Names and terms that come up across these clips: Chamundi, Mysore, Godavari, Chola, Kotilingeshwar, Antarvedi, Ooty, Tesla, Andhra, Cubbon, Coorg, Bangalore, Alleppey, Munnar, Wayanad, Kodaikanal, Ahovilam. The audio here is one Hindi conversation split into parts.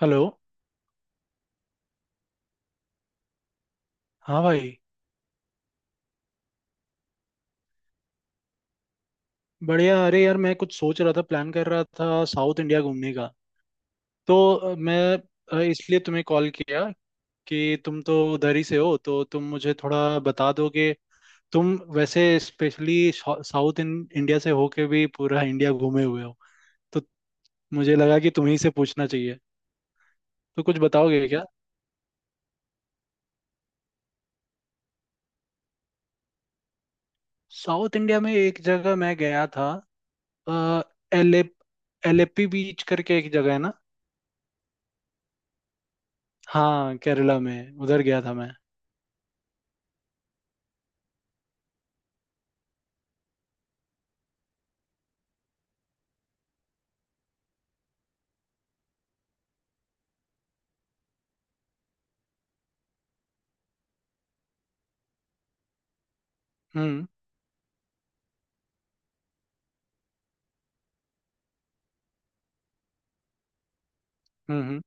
हेलो। हाँ भाई। बढ़िया। अरे यार, मैं कुछ सोच रहा था, प्लान कर रहा था साउथ इंडिया घूमने का। तो मैं इसलिए तुम्हें कॉल किया कि तुम तो उधर ही से हो, तो तुम मुझे थोड़ा बता दोगे। तुम वैसे स्पेशली साउथ इंडिया से होके भी पूरा इंडिया घूमे हुए हो, तो मुझे लगा कि तुम्ही से पूछना चाहिए। तो कुछ बताओगे क्या। साउथ इंडिया में एक जगह मैं गया था। एले एलेपी बीच करके एक जगह है ना। हाँ, केरला में उधर गया था मैं। हम्म हम्म हम्म,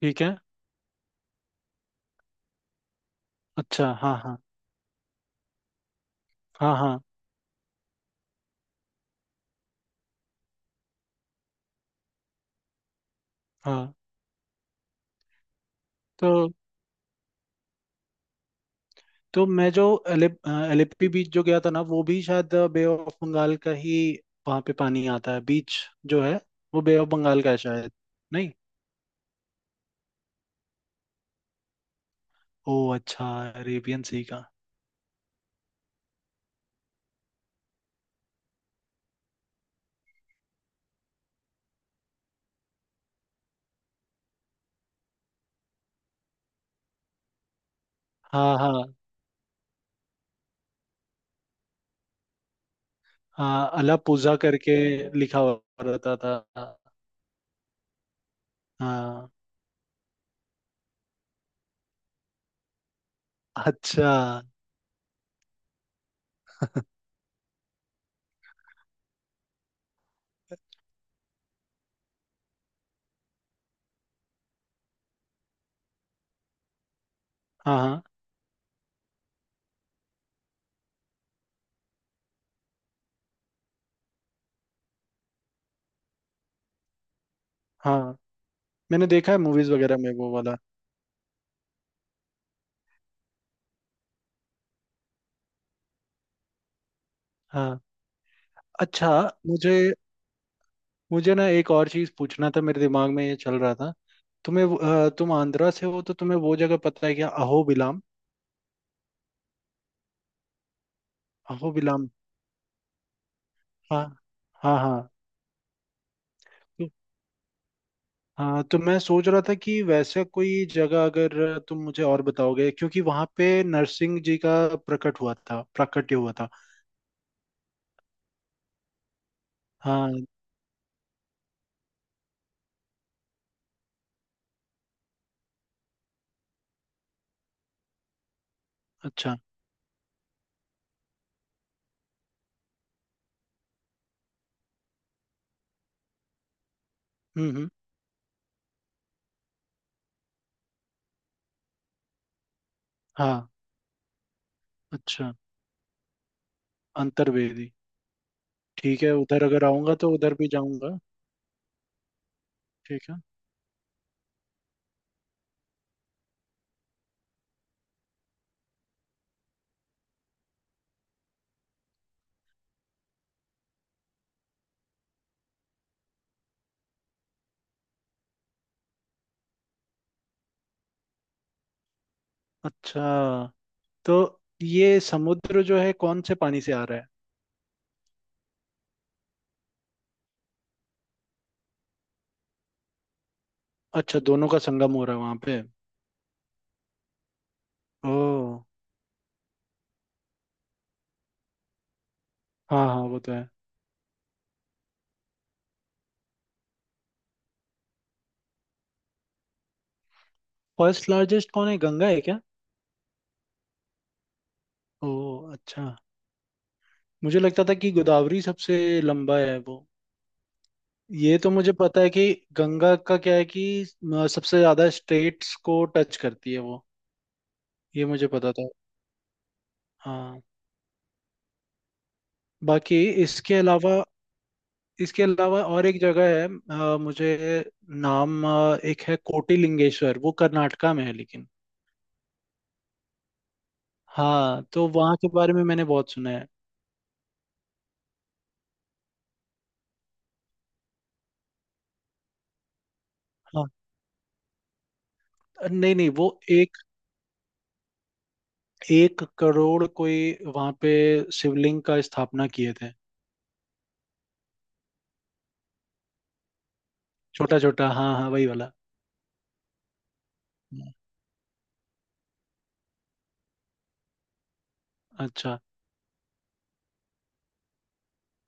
ठीक है। अच्छा, हाँ हाँ। हाँ हाँ। हाँ। तो मैं जो एलेप एलेप्पी बीच जो गया था ना, वो भी शायद बे ऑफ बंगाल का ही। वहां पे पानी आता है बीच जो है, वो बे ऑफ बंगाल का है शायद। नहीं। ओ अच्छा। अरेबियन सी का। हाँ हाँ हाँ। अलापुजा करके लिखा हुआ रहता था। हाँ। अच्छा। हाँ हाँ हाँ। मैंने देखा है मूवीज वगैरह में वो वाला। हाँ। अच्छा। मुझे मुझे ना एक और चीज पूछना था, मेरे दिमाग में ये चल रहा था। तुम आंध्रा से हो तो तुम्हें वो जगह पता है क्या, अहोबिलाम। अहोबिलाम, हाँ हाँ हाँ। तो- हाँ तो मैं सोच रहा था कि वैसा कोई जगह अगर तुम मुझे और बताओगे, क्योंकि वहां पे नरसिंह जी का प्रकट हुआ था, प्राकट्य हुआ था। हाँ। अच्छा। हम्म। हाँ। अच्छा। अंतर्वेदी। ठीक है, उधर अगर आऊंगा तो उधर भी जाऊंगा। ठीक है। अच्छा। तो ये समुद्र जो है कौन से पानी से आ रहा है। अच्छा, दोनों का संगम हो रहा है वहां पे। ओ। हाँ हाँ वो तो है। फर्स्ट लार्जेस्ट कौन है, गंगा है क्या। ओ। अच्छा। मुझे लगता था कि गोदावरी सबसे लंबा है वो। ये तो मुझे पता है कि गंगा का क्या है कि सबसे ज्यादा स्टेट्स को टच करती है वो। ये मुझे पता था। हाँ। बाकी इसके अलावा, और एक जगह है मुझे नाम एक है कोटिलिंगेश्वर, वो कर्नाटका में है लेकिन। हाँ तो वहाँ के बारे में मैंने बहुत सुना है। नहीं नहीं वो एक 1 करोड़ कोई वहां पे शिवलिंग का स्थापना किए थे। छोटा छोटा, हाँ हाँ वही वाला। अच्छा।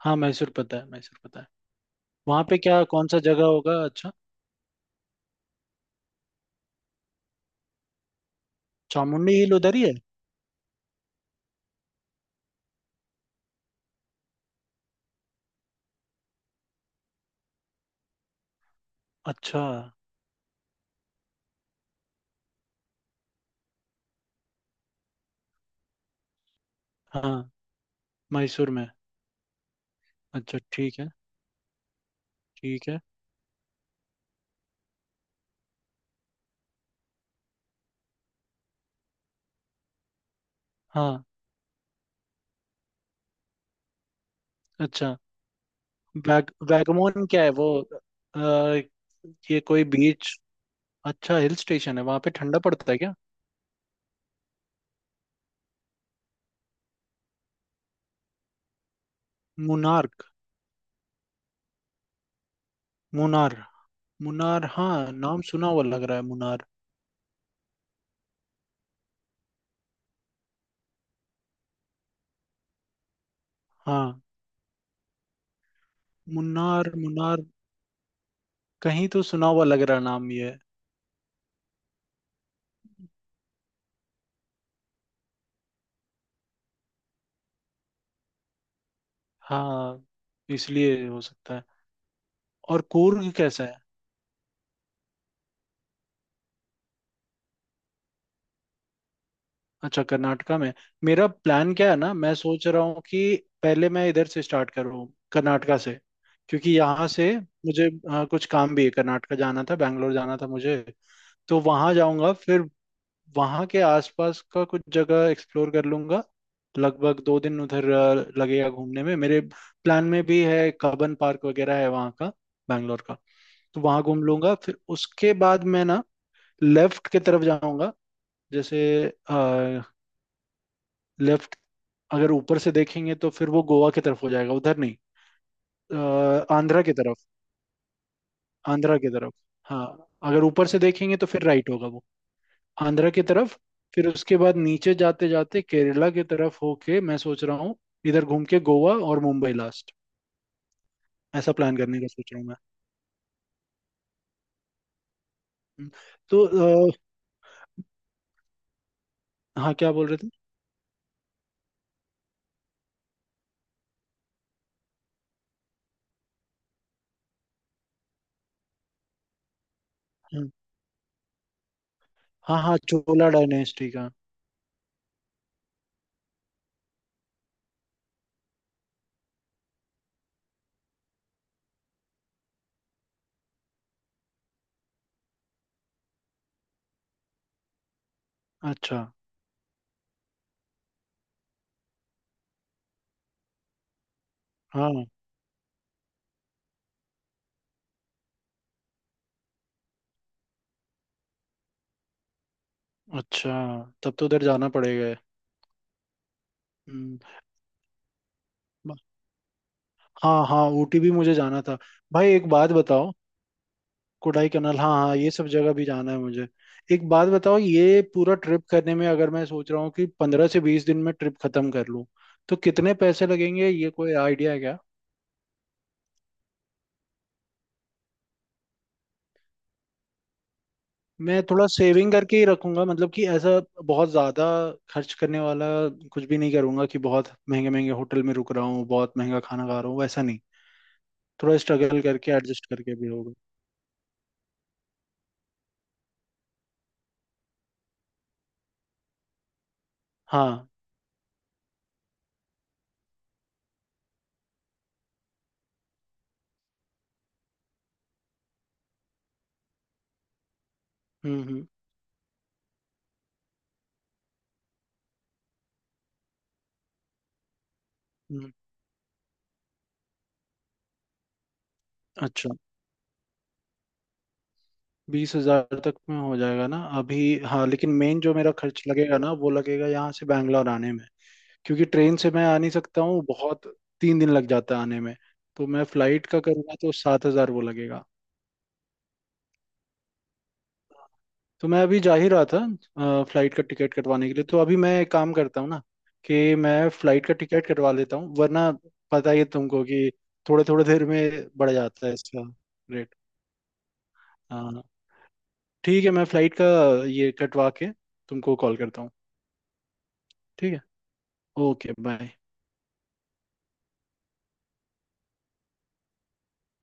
हाँ मैसूर पता है, मैसूर पता है। वहां पे क्या, कौन सा जगह होगा अच्छा। चामुंडी हिल उधर ही है। अच्छा। हाँ। मैसूर में। अच्छा ठीक है। ठीक है। हाँ। अच्छा। वैगमोन क्या है वो। अ, ये कोई बीच। अच्छा, हिल स्टेशन है, वहां पे ठंडा पड़ता है क्या। मुनार्क। मुनार। मुनार हाँ, नाम सुना हुआ लग रहा है मुनार। हाँ। मुन्नार मुन्नार कहीं तो सुना हुआ लग रहा नाम ये। हाँ, इसलिए हो सकता है। और कूर्ग कैसा है। अच्छा, कर्नाटका में। मेरा प्लान क्या है ना, मैं सोच रहा हूँ कि पहले मैं इधर से स्टार्ट करूँ, कर्नाटका से। क्योंकि यहाँ से मुझे कुछ काम भी है, कर्नाटका जाना था, बैंगलोर जाना था मुझे। तो वहां जाऊंगा, फिर वहाँ के आसपास का कुछ जगह एक्सप्लोर कर लूंगा। लगभग 2 दिन उधर लगेगा घूमने में मेरे। प्लान में भी है कबन पार्क वगैरह है वहाँ का, बैंगलोर का। तो वहाँ घूम लूंगा। फिर उसके बाद मैं ना लेफ्ट की तरफ जाऊंगा, जैसे लेफ्ट। अगर ऊपर से देखेंगे तो फिर वो गोवा की तरफ हो जाएगा उधर, नहीं आंध्रा की तरफ। आंध्रा की तरफ। हाँ, अगर ऊपर से देखेंगे तो फिर राइट होगा वो। आंध्रा की तरफ। फिर उसके बाद नीचे जाते जाते केरला की तरफ होके मैं सोच रहा हूँ, इधर घूम के गोवा और मुंबई लास्ट। ऐसा प्लान करने का सोच रहा हूँ मैं। हम्म, तो अ, हाँ क्या बोल रहे थे। हम्म, हाँ हाँ, चोला डायनेस्टी का। अच्छा। हाँ। अच्छा, तब तो उधर जाना पड़ेगा। हम्म, ब- हाँ हाँ ऊटी भी मुझे जाना था। भाई एक बात बताओ। कोडाईकनाल, हाँ हाँ ये सब जगह भी जाना है मुझे। एक बात बताओ, ये पूरा ट्रिप करने में अगर मैं सोच रहा हूँ कि 15 से 20 दिन में ट्रिप खत्म कर लूँ तो कितने पैसे लगेंगे, ये कोई आइडिया है क्या। मैं थोड़ा सेविंग करके ही रखूंगा, मतलब कि ऐसा बहुत ज्यादा खर्च करने वाला कुछ भी नहीं करूंगा कि बहुत महंगे महंगे होटल में रुक रहा हूँ, बहुत महंगा खाना खा रहा हूँ, वैसा नहीं। थोड़ा स्ट्रगल करके एडजस्ट करके भी होगा। हाँ। हम्म हम्म हम्म, अच्छा। 20 हजार तक में हो जाएगा ना अभी। हाँ लेकिन मेन जो मेरा खर्च लगेगा ना वो लगेगा यहाँ से बैंगलोर आने में। क्योंकि ट्रेन से मैं आ नहीं सकता हूँ, बहुत 3 दिन लग जाता है आने में। तो मैं फ्लाइट का करूँगा तो 7 हजार वो लगेगा। तो मैं अभी जा ही रहा था फ्लाइट का टिकट कटवाने के लिए, तो अभी मैं एक काम करता हूँ ना कि मैं फ्लाइट का टिकट कटवा लेता हूँ, वरना पता ही है तुमको कि थोड़े थोड़े देर में बढ़ जाता है इसका रेट। हाँ। ठीक है, मैं फ्लाइट का ये कटवा के तुमको कॉल करता हूँ। ठीक है। Okay bye.